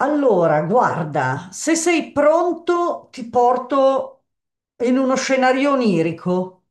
Allora, guarda, se sei pronto, ti porto in uno scenario onirico.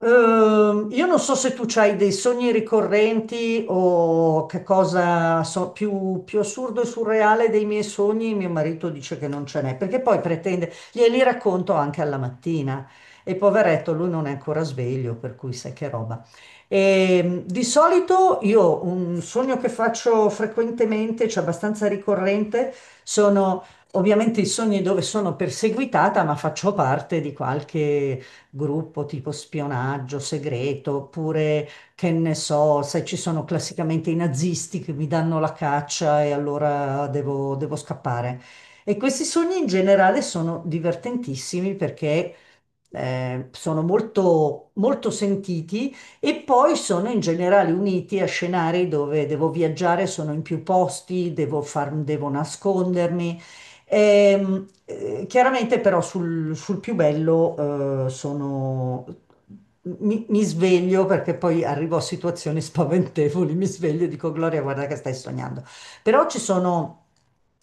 Io non so se tu hai dei sogni ricorrenti o che cosa so, più assurdo e surreale dei miei sogni, mio marito dice che non ce n'è, perché poi pretende, glieli racconto anche alla mattina e poveretto lui non è ancora sveglio, per cui sai che roba. Di solito io un sogno che faccio frequentemente, cioè abbastanza ricorrente, sono ovviamente i sogni dove sono perseguitata, ma faccio parte di qualche gruppo tipo spionaggio segreto, oppure che ne so, se ci sono classicamente i nazisti che mi danno la caccia e allora devo scappare. E questi sogni in generale sono divertentissimi perché sono molto sentiti e poi sono in generale uniti a scenari dove devo viaggiare, sono in più posti, devo nascondermi. Chiaramente però sul più bello sono... Mi sveglio perché poi arrivo a situazioni spaventevoli, mi sveglio e dico Gloria, guarda che stai sognando. Però ci sono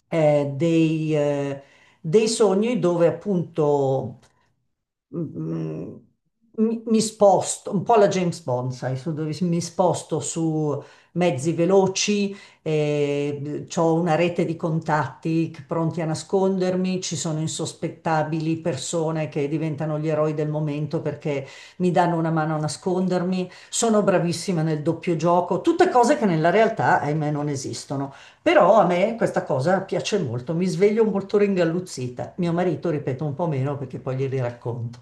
eh, dei, eh, dei sogni dove appunto mm, mm, mi sposto un po' alla James Bond, sai, su dove mi sposto su mezzi veloci, ho una rete di pronti a nascondermi, ci sono insospettabili persone che diventano gli eroi del momento perché mi danno una mano a nascondermi, sono bravissima nel doppio gioco, tutte cose che nella realtà, ahimè, non esistono. Però a me questa cosa piace molto, mi sveglio molto ringalluzzita. Mio marito, ripeto, un po' meno perché poi glieli racconto.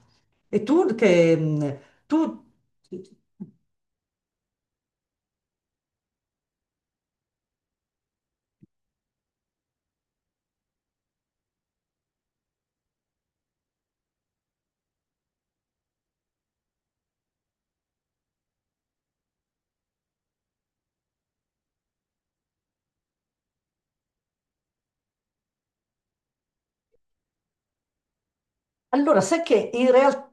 E tu che... tu... Allora, sai che in realtà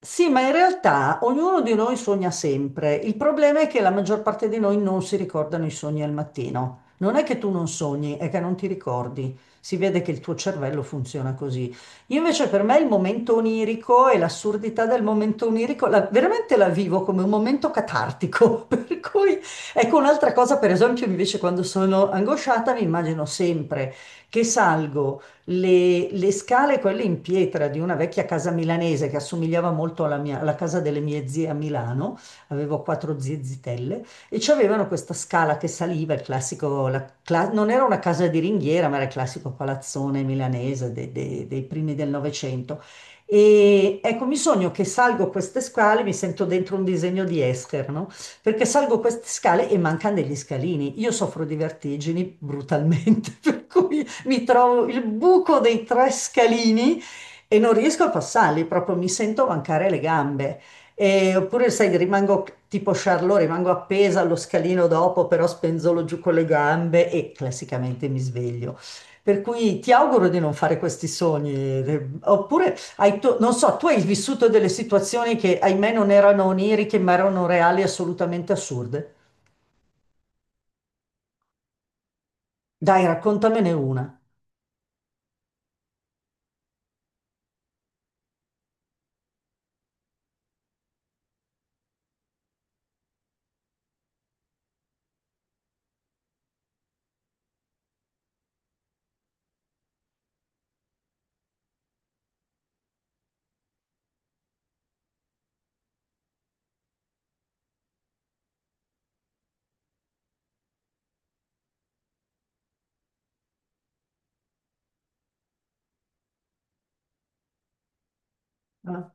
sì, ma in realtà ognuno di noi sogna sempre. Il problema è che la maggior parte di noi non si ricordano i sogni al mattino. Non è che tu non sogni, è che non ti ricordi. Si vede che il tuo cervello funziona così. Io invece per me il momento onirico e l'assurdità del momento veramente la vivo come un momento catartico. Per cui ecco un'altra cosa, per esempio, invece quando sono angosciata mi immagino sempre che salgo le scale, quelle in pietra di una vecchia casa milanese che assomigliava molto alla casa delle mie zie a Milano, avevo quattro zie zitelle, e c'avevano questa scala che saliva, il classico, non era una casa di ringhiera, ma era il classico palazzone milanese dei primi del Novecento. E ecco, mi sogno che salgo queste scale, mi sento dentro un disegno di Escher, no? Perché salgo queste scale e mancano degli scalini. Io soffro di vertigini brutalmente, per cui mi trovo il buco dei tre scalini e non riesco a passarli, proprio mi sento mancare le gambe. E- oppure, sai, rimango tipo Charlot, rimango appesa allo scalino dopo, però spenzolo giù con le gambe e classicamente mi sveglio. Per cui ti auguro di non fare questi sogni, oppure non so, tu hai vissuto delle situazioni che ahimè non erano oniriche, ma erano reali, assolutamente assurde. Dai, raccontamene una. Ah,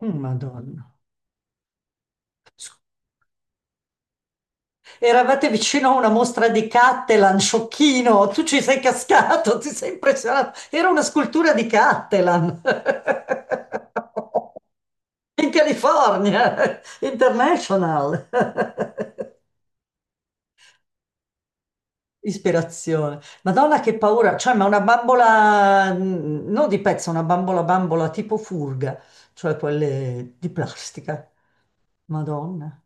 mm, Madonna. Eravate vicino a una mostra di Cattelan, sciocchino, tu ci sei cascato, ti sei impressionato. Era una scultura di Cattelan. In California, International. Ispirazione. Madonna che paura, cioè ma una bambola, mm, non di pezzo, una bambola bambola tipo furga, cioè quelle di plastica. Madonna.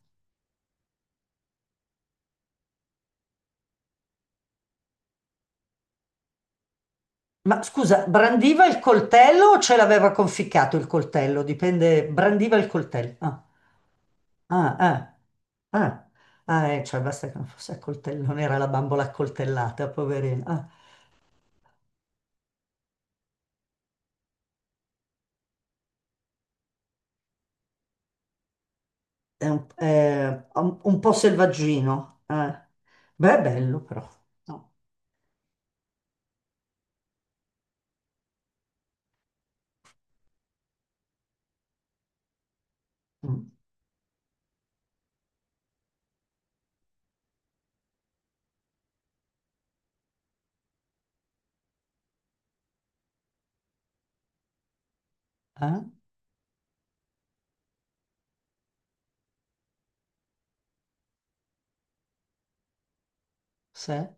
Ma scusa, brandiva il coltello o ce l'aveva conficcato il coltello? Dipende, brandiva il coltello. Ah. Ah, ah, ah, ah, cioè basta che non fosse a coltello, non era la bambola accoltellata, poverina. Ah, è un po' selvaggino. Eh. Beh, è bello però. No. Mm, eh? Sì? Oh,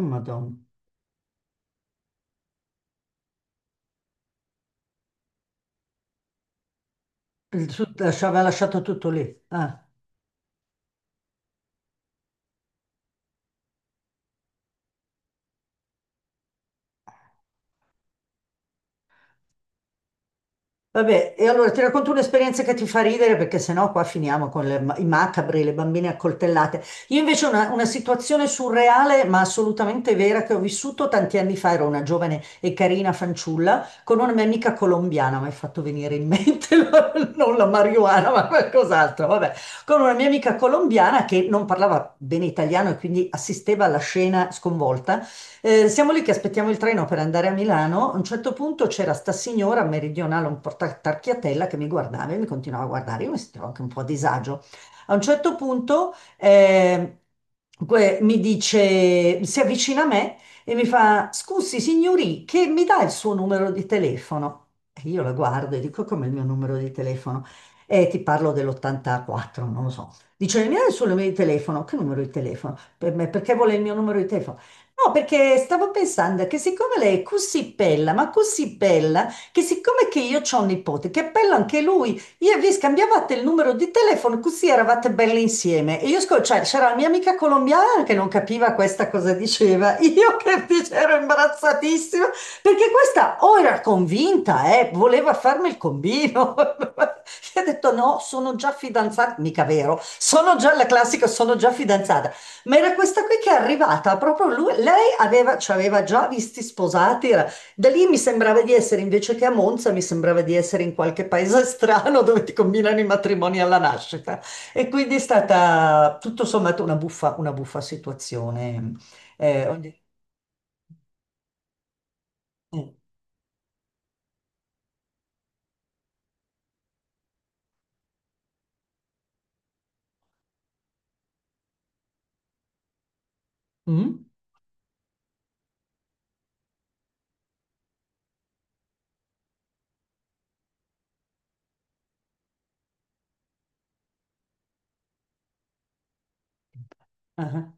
Madonna. Aveva lasciato tutto lì. Ah. Vabbè, e allora ti racconto un'esperienza che ti fa ridere perché sennò qua finiamo con i macabri, le bambine accoltellate. Io invece ho una situazione surreale ma assolutamente vera che ho vissuto tanti anni fa, ero una giovane e carina fanciulla con una mia amica colombiana, mi hai fatto venire in mente non la marijuana ma qualcos'altro, vabbè, con una mia amica colombiana che non parlava bene italiano e quindi assisteva alla scena sconvolta. Siamo lì che aspettiamo il treno per andare a Milano. A un certo punto c'era sta signora meridionale, un po' tarchiatella, che mi guardava e mi continuava a guardare. Io mi sentivo anche un po' a disagio. A un certo punto mi dice, si avvicina a me e mi fa: Scusi, signori, che mi dà il suo numero di telefono? E io la guardo e dico: Come il mio numero di telefono? E ti parlo dell'84, non lo so. Dice, mi dai il suo numero di telefono? Che numero di telefono? Per me, perché vuole il mio numero di telefono? No, perché stavo pensando che siccome lei è così bella, ma così bella, che siccome che io ho un nipote, che è bello anche lui, io e vi scambiavate il numero di telefono, così eravate belle insieme. E io, scol- cioè, c'era la mia amica colombiana che non capiva questa cosa diceva, io che invece ero imbarazzatissima, perché questa o era convinta, voleva farmi il combino. Io ho detto no, sono già fidanzata, mica vero, sono già la classica, sono già fidanzata. Ma era questa qui che è arrivata, proprio lui, lei aveva, ci aveva già visti sposati, era- da lì mi sembrava di essere, invece che a Monza, mi sembrava di essere in qualche paese strano dove ti combinano i matrimoni alla nascita. E quindi è stata tutto sommato una buffa situazione. Ogni- eh, mm? Ah.